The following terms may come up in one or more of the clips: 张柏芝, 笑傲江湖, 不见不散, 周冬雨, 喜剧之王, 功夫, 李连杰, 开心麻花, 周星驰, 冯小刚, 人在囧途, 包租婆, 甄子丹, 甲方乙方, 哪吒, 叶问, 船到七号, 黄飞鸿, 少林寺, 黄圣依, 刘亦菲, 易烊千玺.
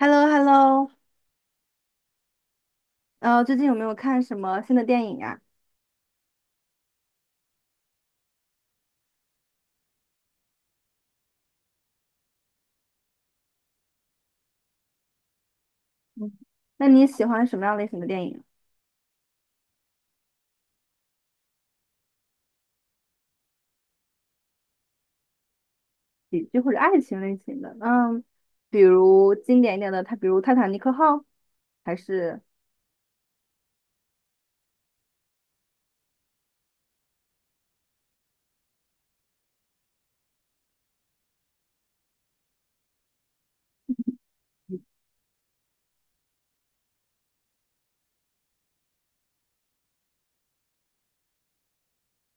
h e l l o h e l l o 最近有没有看什么新的电影呀？嗯，那你喜欢什么样类型的电影？喜剧或者爱情类型的？嗯，比如经典一点的，它比如《泰坦尼克号》，还是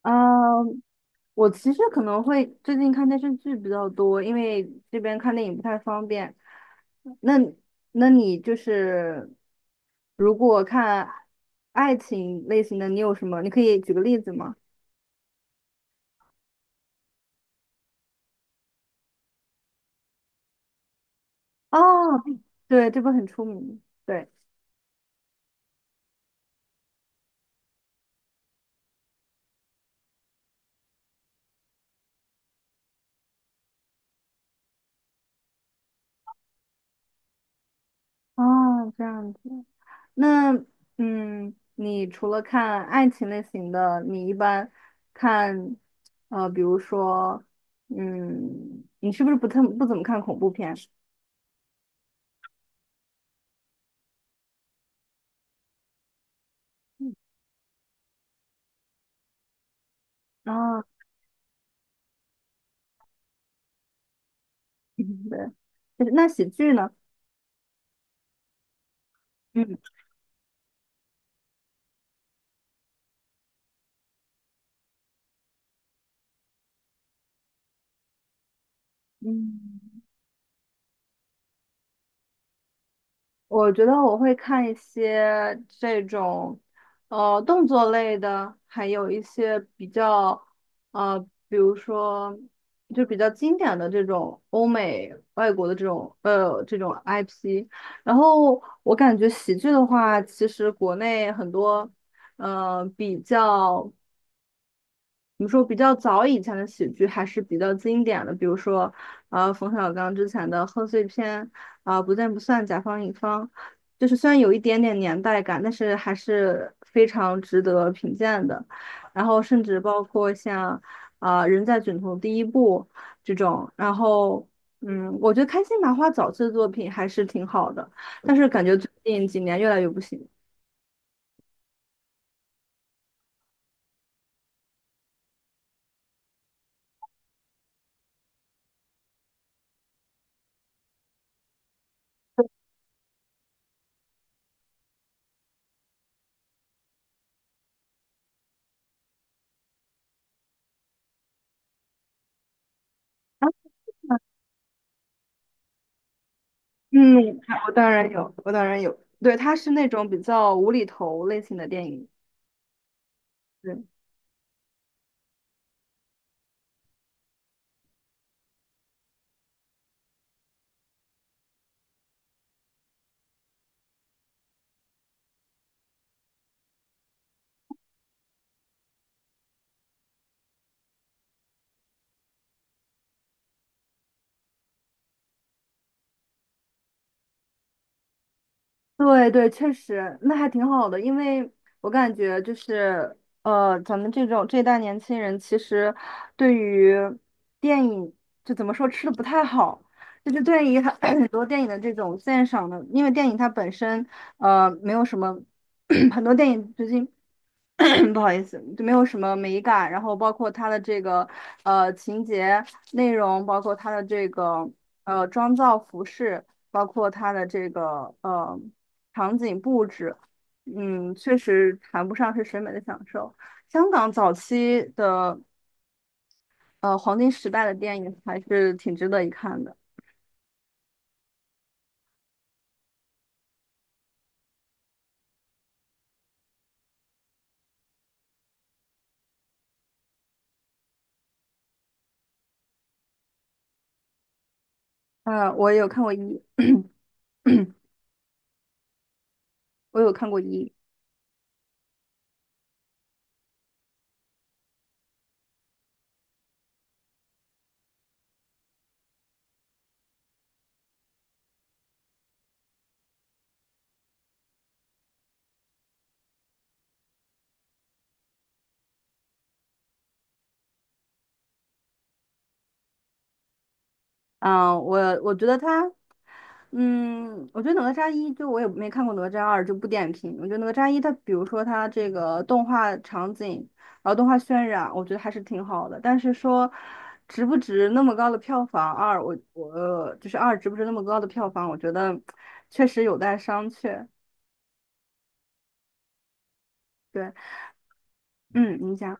嗯，我其实可能会最近看电视剧比较多，因为这边看电影不太方便。那那你就是如果看爱情类型的，你有什么？你可以举个例子吗？哦，对，这部很出名。对。哦，这样子。那你除了看爱情类型的，你一般看比如说你是不是不太不怎么看恐怖片？啊、对，就是那喜剧呢？嗯嗯，我觉得我会看一些这种，动作类的，还有一些比较，呃，比如说就比较经典的这种欧美外国的这种，这种 IP。然后我感觉喜剧的话，其实国内很多，呃，比较。怎么说比较早以前的喜剧还是比较经典的，比如说，冯小刚之前的贺岁片，啊、不见不散，甲方乙方，就是虽然有一点点年代感，但是还是非常值得品鉴的。然后甚至包括像，啊、人在囧途第一部这种，然后，嗯，我觉得开心麻花早期的作品还是挺好的，但是感觉最近几年越来越不行。啊。嗯，我当然有，我当然有。对，它是那种比较无厘头类型的电影。对对对，确实，那还挺好的，因为我感觉就是，咱们这种这一代年轻人，其实对于电影就怎么说吃的不太好，就是对于很 很多电影的这种鉴赏的，因为电影它本身，没有什么 很多电影最近 不好意思，就没有什么美感，然后包括它的这个情节内容，包括它的这个妆造服饰，包括它的这个场景布置，嗯，确实谈不上是审美的享受。香港早期的黄金时代的电影还是挺值得一看的。我有看过一，我有看过一。嗯，我觉得他，我觉得哪吒一就我也没看过哪吒二，就不点评。我觉得哪吒一它，比如说它这个动画场景，然后动画渲染，我觉得还是挺好的。但是说值不值那么高的票房，二我就是二值不值那么高的票房，我觉得确实有待商榷。对，嗯，你讲，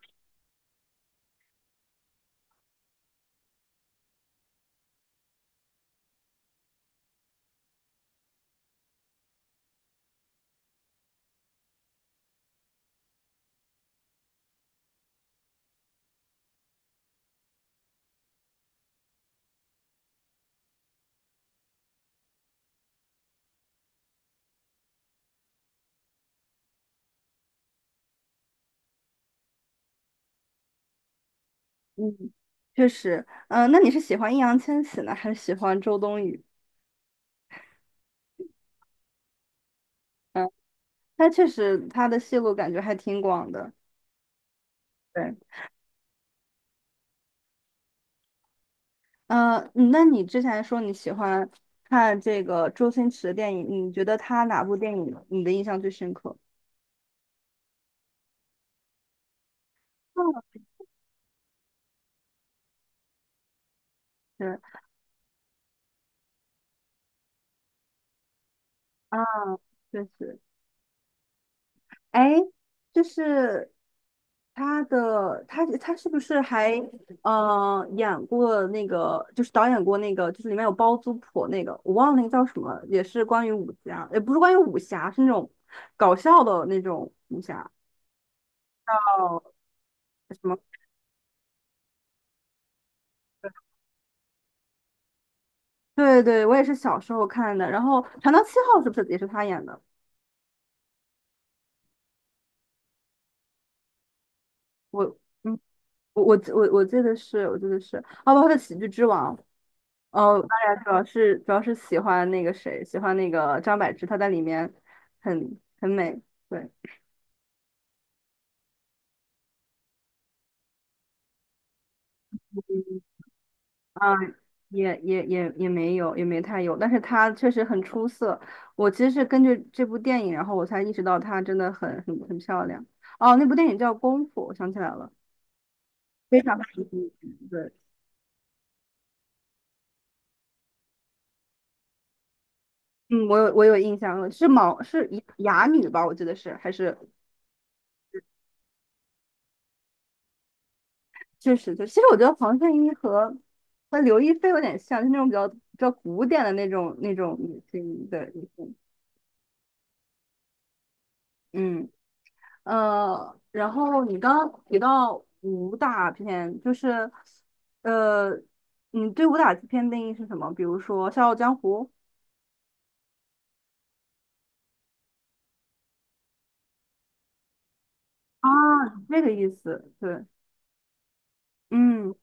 嗯，确实，嗯、那你是喜欢易烊千玺呢，还是喜欢周冬雨？嗯，他确实他的戏路感觉还挺广的。对。那你之前说你喜欢看这个周星驰的电影，你觉得他哪部电影你的印象最深刻？嗯，是啊，确实，哎，就是他的他他是不是还演过那个，就是导演过那个，就是里面有包租婆那个，我忘了那个叫什么也是关于武侠，也不是关于武侠，是那种搞笑的那种武侠，哦，什么？对对，我也是小时候看的。然后《船到七号》是不是也是他演的？我嗯，我我我我记得是，我记得是，哦，包括他的《喜剧之王》。哦，当然主要是喜欢那个谁，喜欢那个张柏芝，她在里面很美。对，嗯啊，也没有，也没太有，但是她确实很出色。我其实是根据这部电影，然后我才意识到她真的很漂亮。哦，那部电影叫《功夫》，我想起来了，非常非常经典对。嗯，我有印象了，是哑女吧？我记得是还是确实就，其实我觉得黄圣依和刘亦菲有点像，就那种比较比较古典的那种女性的女性。嗯然后你刚刚提到武打片，就是呃，你对武打片定义是什么？比如说《笑傲江湖》啊，这个意思，对，嗯。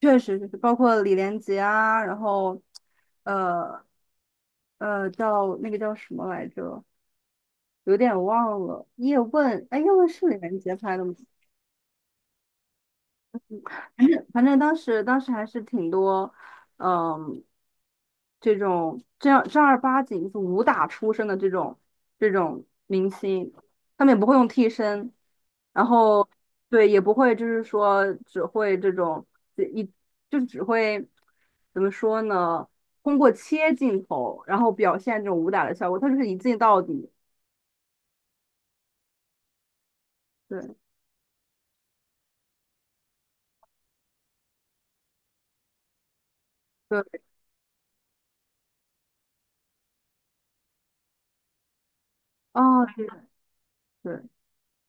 确实就是包括李连杰啊，然后呃叫那个叫什么来着，有点忘了。叶问，哎，叶问是李连杰拍的吗？反正当时还是挺多，嗯，这种正儿八经就是武打出身的这种明星，他们也不会用替身，然后对也不会就是说只会这种一就是只会怎么说呢？通过切镜头，然后表现这种武打的效果，他就是一镜到底。对对，哦，对对。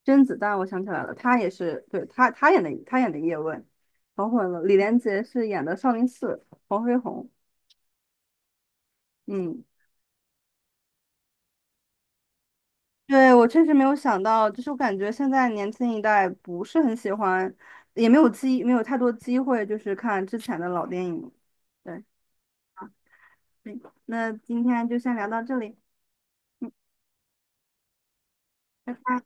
甄子丹，我想起来了，他也是，对，他演的叶问，搞混了。李连杰是演的少林寺黄飞鸿。嗯，对，我确实没有想到，就是我感觉现在年轻一代不是很喜欢，也没有太多机会，就是看之前的老电影。对，嗯那今天就先聊到这里，拜拜。